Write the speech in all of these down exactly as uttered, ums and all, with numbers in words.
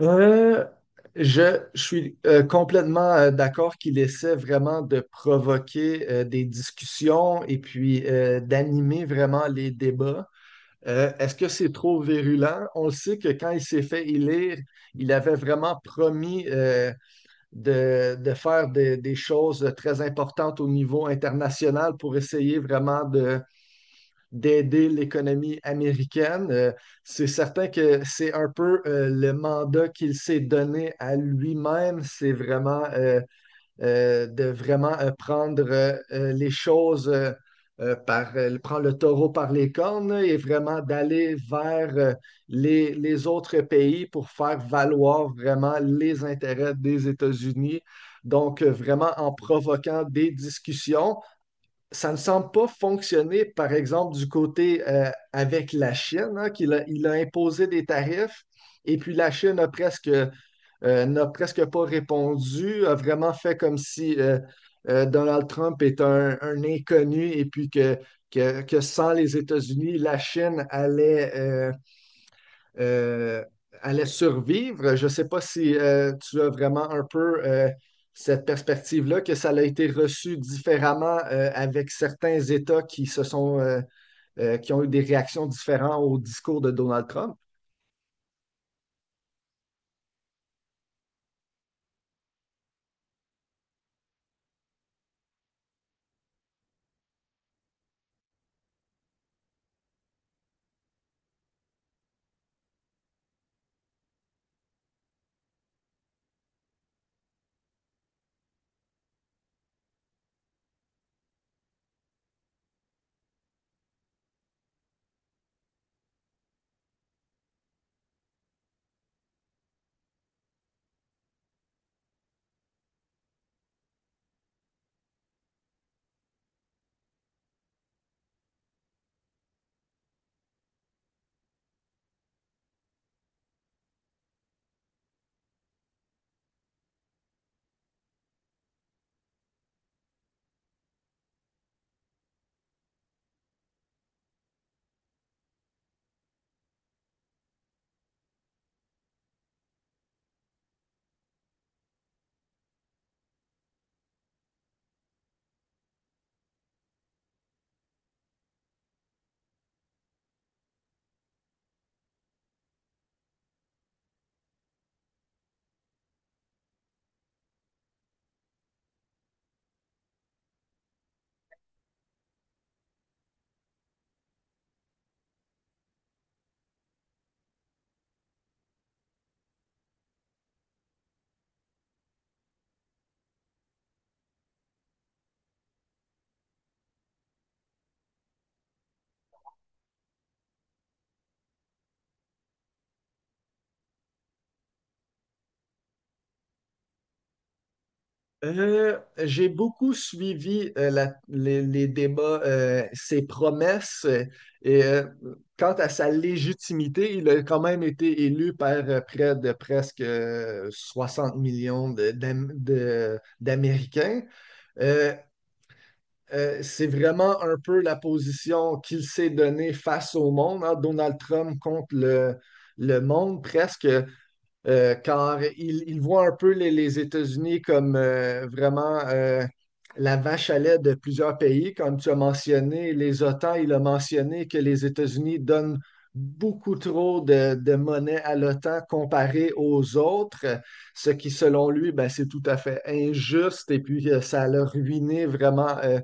Euh, je, je suis euh, complètement euh, d'accord qu'il essaie vraiment de provoquer euh, des discussions et puis euh, d'animer vraiment les débats. Euh, est-ce que c'est trop virulent? On le sait que quand il s'est fait élire, il avait vraiment promis euh, de, de faire des des choses très importantes au niveau international pour essayer vraiment de d'aider l'économie américaine. Euh, c'est certain que c'est un peu euh, le mandat qu'il s'est donné à lui-même, c'est vraiment euh, euh, de vraiment euh, prendre euh, euh, les choses euh, euh, par, euh, prendre le taureau par les cornes là, et vraiment d'aller vers euh, les, les autres pays pour faire valoir vraiment les intérêts des États-Unis. Donc, euh, vraiment en provoquant des discussions ça ne semble pas fonctionner, par exemple, du côté euh, avec la Chine, hein, qu'il a, il a imposé des tarifs. Et puis la Chine n'a presque, euh, n'a presque pas répondu, a vraiment fait comme si euh, euh, Donald Trump est un, un inconnu et puis que, que, que sans les États-Unis, la Chine allait, euh, euh, allait survivre. Je ne sais pas si euh, tu as vraiment un peu euh, cette perspective-là, que ça a été reçu différemment euh, avec certains États qui se sont euh, euh, qui ont eu des réactions différentes au discours de Donald Trump. Euh, j'ai beaucoup suivi euh, la- les, les débats, euh, ses promesses euh, et euh, quant à sa légitimité, il a quand même été élu par euh, près de presque euh, soixante millions de- d'Am- de- d'Américains. Euh, euh, c'est vraiment un peu la position qu'il s'est donnée face au monde, hein, Donald Trump contre le, le monde presque euh, car il, il voit un peu les, les États-Unis comme euh, vraiment euh, la vache à lait de plusieurs pays. Comme tu as mentionné, les OTAN, il a mentionné que les États-Unis donnent beaucoup trop de, de monnaie à l'OTAN comparé aux autres, ce qui, selon lui, ben, c'est tout à fait injuste et puis euh, ça a ruiné vraiment. Euh,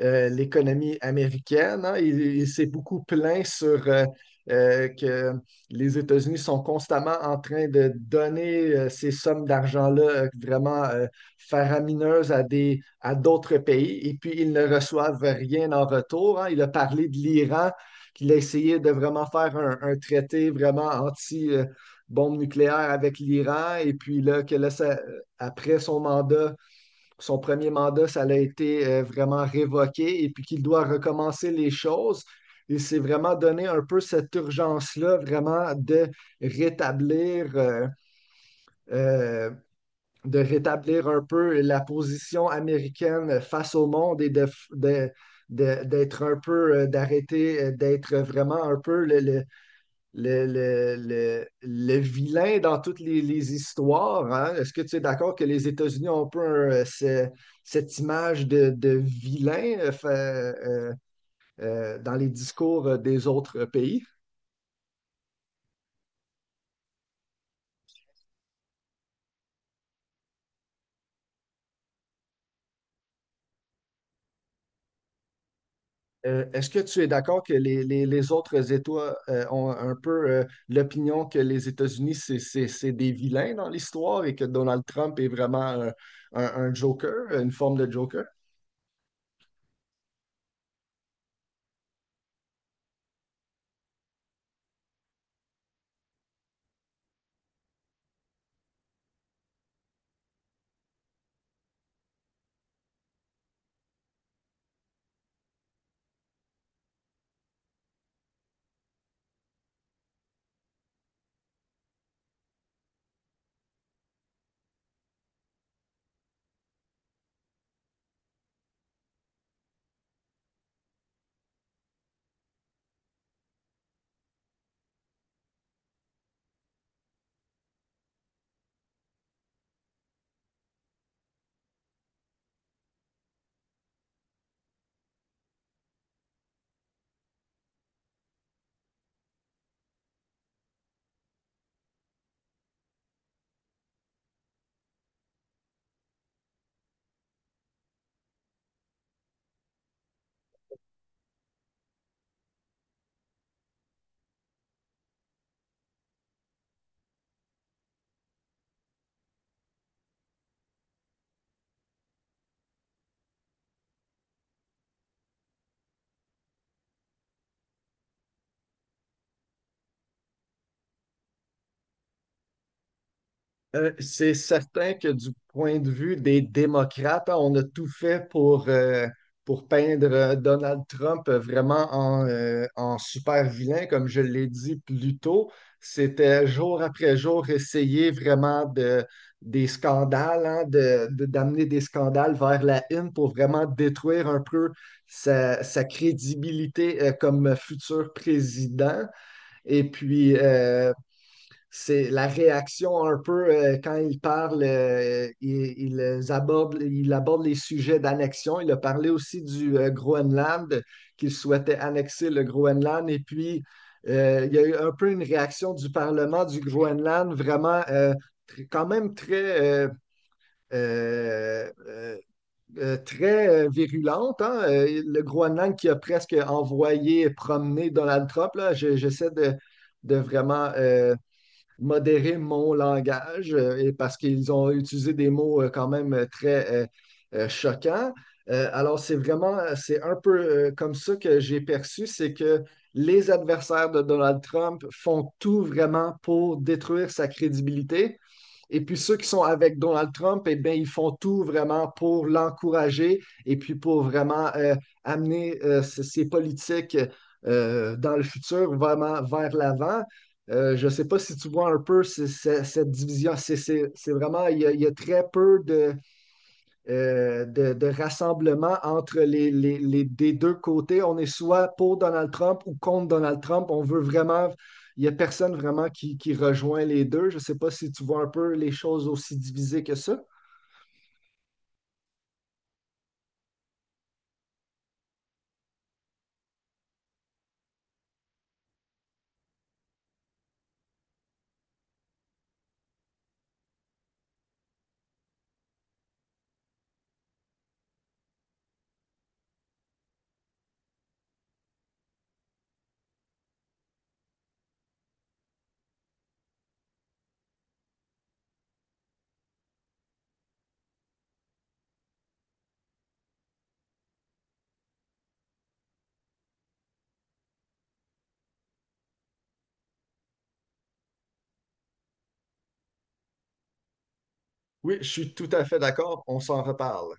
euh, l'économie américaine, hein. Il, il s'est beaucoup plaint sur euh, euh, que les États-Unis sont constamment en train de donner euh, ces sommes d'argent-là euh, vraiment euh, faramineuses à des, à d'autres pays et puis ils ne reçoivent rien en retour, hein. Il a parlé de l'Iran, qu'il a essayé de vraiment faire un, un traité vraiment anti, euh, bombe nucléaire avec l'Iran et puis là, que là, ça- euh, après son mandat son premier mandat, ça l'a été euh, vraiment révoqué et puis qu'il doit recommencer les choses. Il s'est vraiment donné un peu cette urgence-là, vraiment de rétablir, euh, euh, de rétablir un peu la position américaine face au monde et de, de- de- d'être un peu, euh, d'arrêter, euh, d'être vraiment un peu le, le- le, le, le, le vilain dans toutes les, les histoires, hein. Est-ce que tu es d'accord que les États-Unis ont un peu euh, ce- cette image de, de vilain euh, fa- euh, euh, dans les discours euh, des autres pays? Euh, est-ce que tu es d'accord que les, les- les autres États euh, ont un peu euh, l'opinion que les États-Unis, c'est, c'est- c'est des vilains dans l'histoire et que Donald Trump est vraiment un, un- un joker, une forme de joker? Euh, c'est certain que du point de vue des démocrates, hein, on a tout fait pour, euh, pour peindre euh, Donald Trump euh, vraiment en, euh, en super vilain, comme je l'ai dit plus tôt. C'était jour après jour essayer vraiment de, des scandales, hein, de, de- d'amener des scandales vers la une pour vraiment détruire un peu sa, sa crédibilité euh, comme futur président. Et puis, euh, c'est la réaction un peu euh, quand il parle, euh, il, il aborde, il aborde les sujets d'annexion. Il a parlé aussi du euh, Groenland, qu'il souhaitait annexer le Groenland. Et puis, euh, il y a eu un peu une réaction du Parlement du Groenland, vraiment euh, quand même très, euh, euh, euh, euh, très euh, virulente, hein. Euh, le Groenland qui a presque envoyé promener Donald Trump, là. Je- j'essaie de, de vraiment... euh, modérer mon langage euh, et parce qu'ils ont utilisé des mots euh, quand même euh, très euh, euh, choquants. Euh, alors, c'est vraiment, euh, c'est un peu euh, comme ça que j'ai perçu, c'est que les adversaires de Donald Trump font tout vraiment pour détruire sa crédibilité et puis ceux qui sont avec Donald Trump, eh bien, ils font tout vraiment pour l'encourager et puis pour vraiment euh, amener euh, ces politiques euh, dans le futur vraiment vers l'avant. Euh, je ne sais pas si tu vois un peu cette division. C'est c'est vraiment, il y, a, il y a très peu de, euh, de, de, rassemblement entre les, les, les des deux côtés. On est soit pour Donald Trump ou contre Donald Trump. On veut vraiment, il n'y a personne vraiment qui, qui rejoint les deux. Je ne sais pas si tu vois un peu les choses aussi divisées que ça. Oui, je suis tout à fait d'accord. On s'en reparle.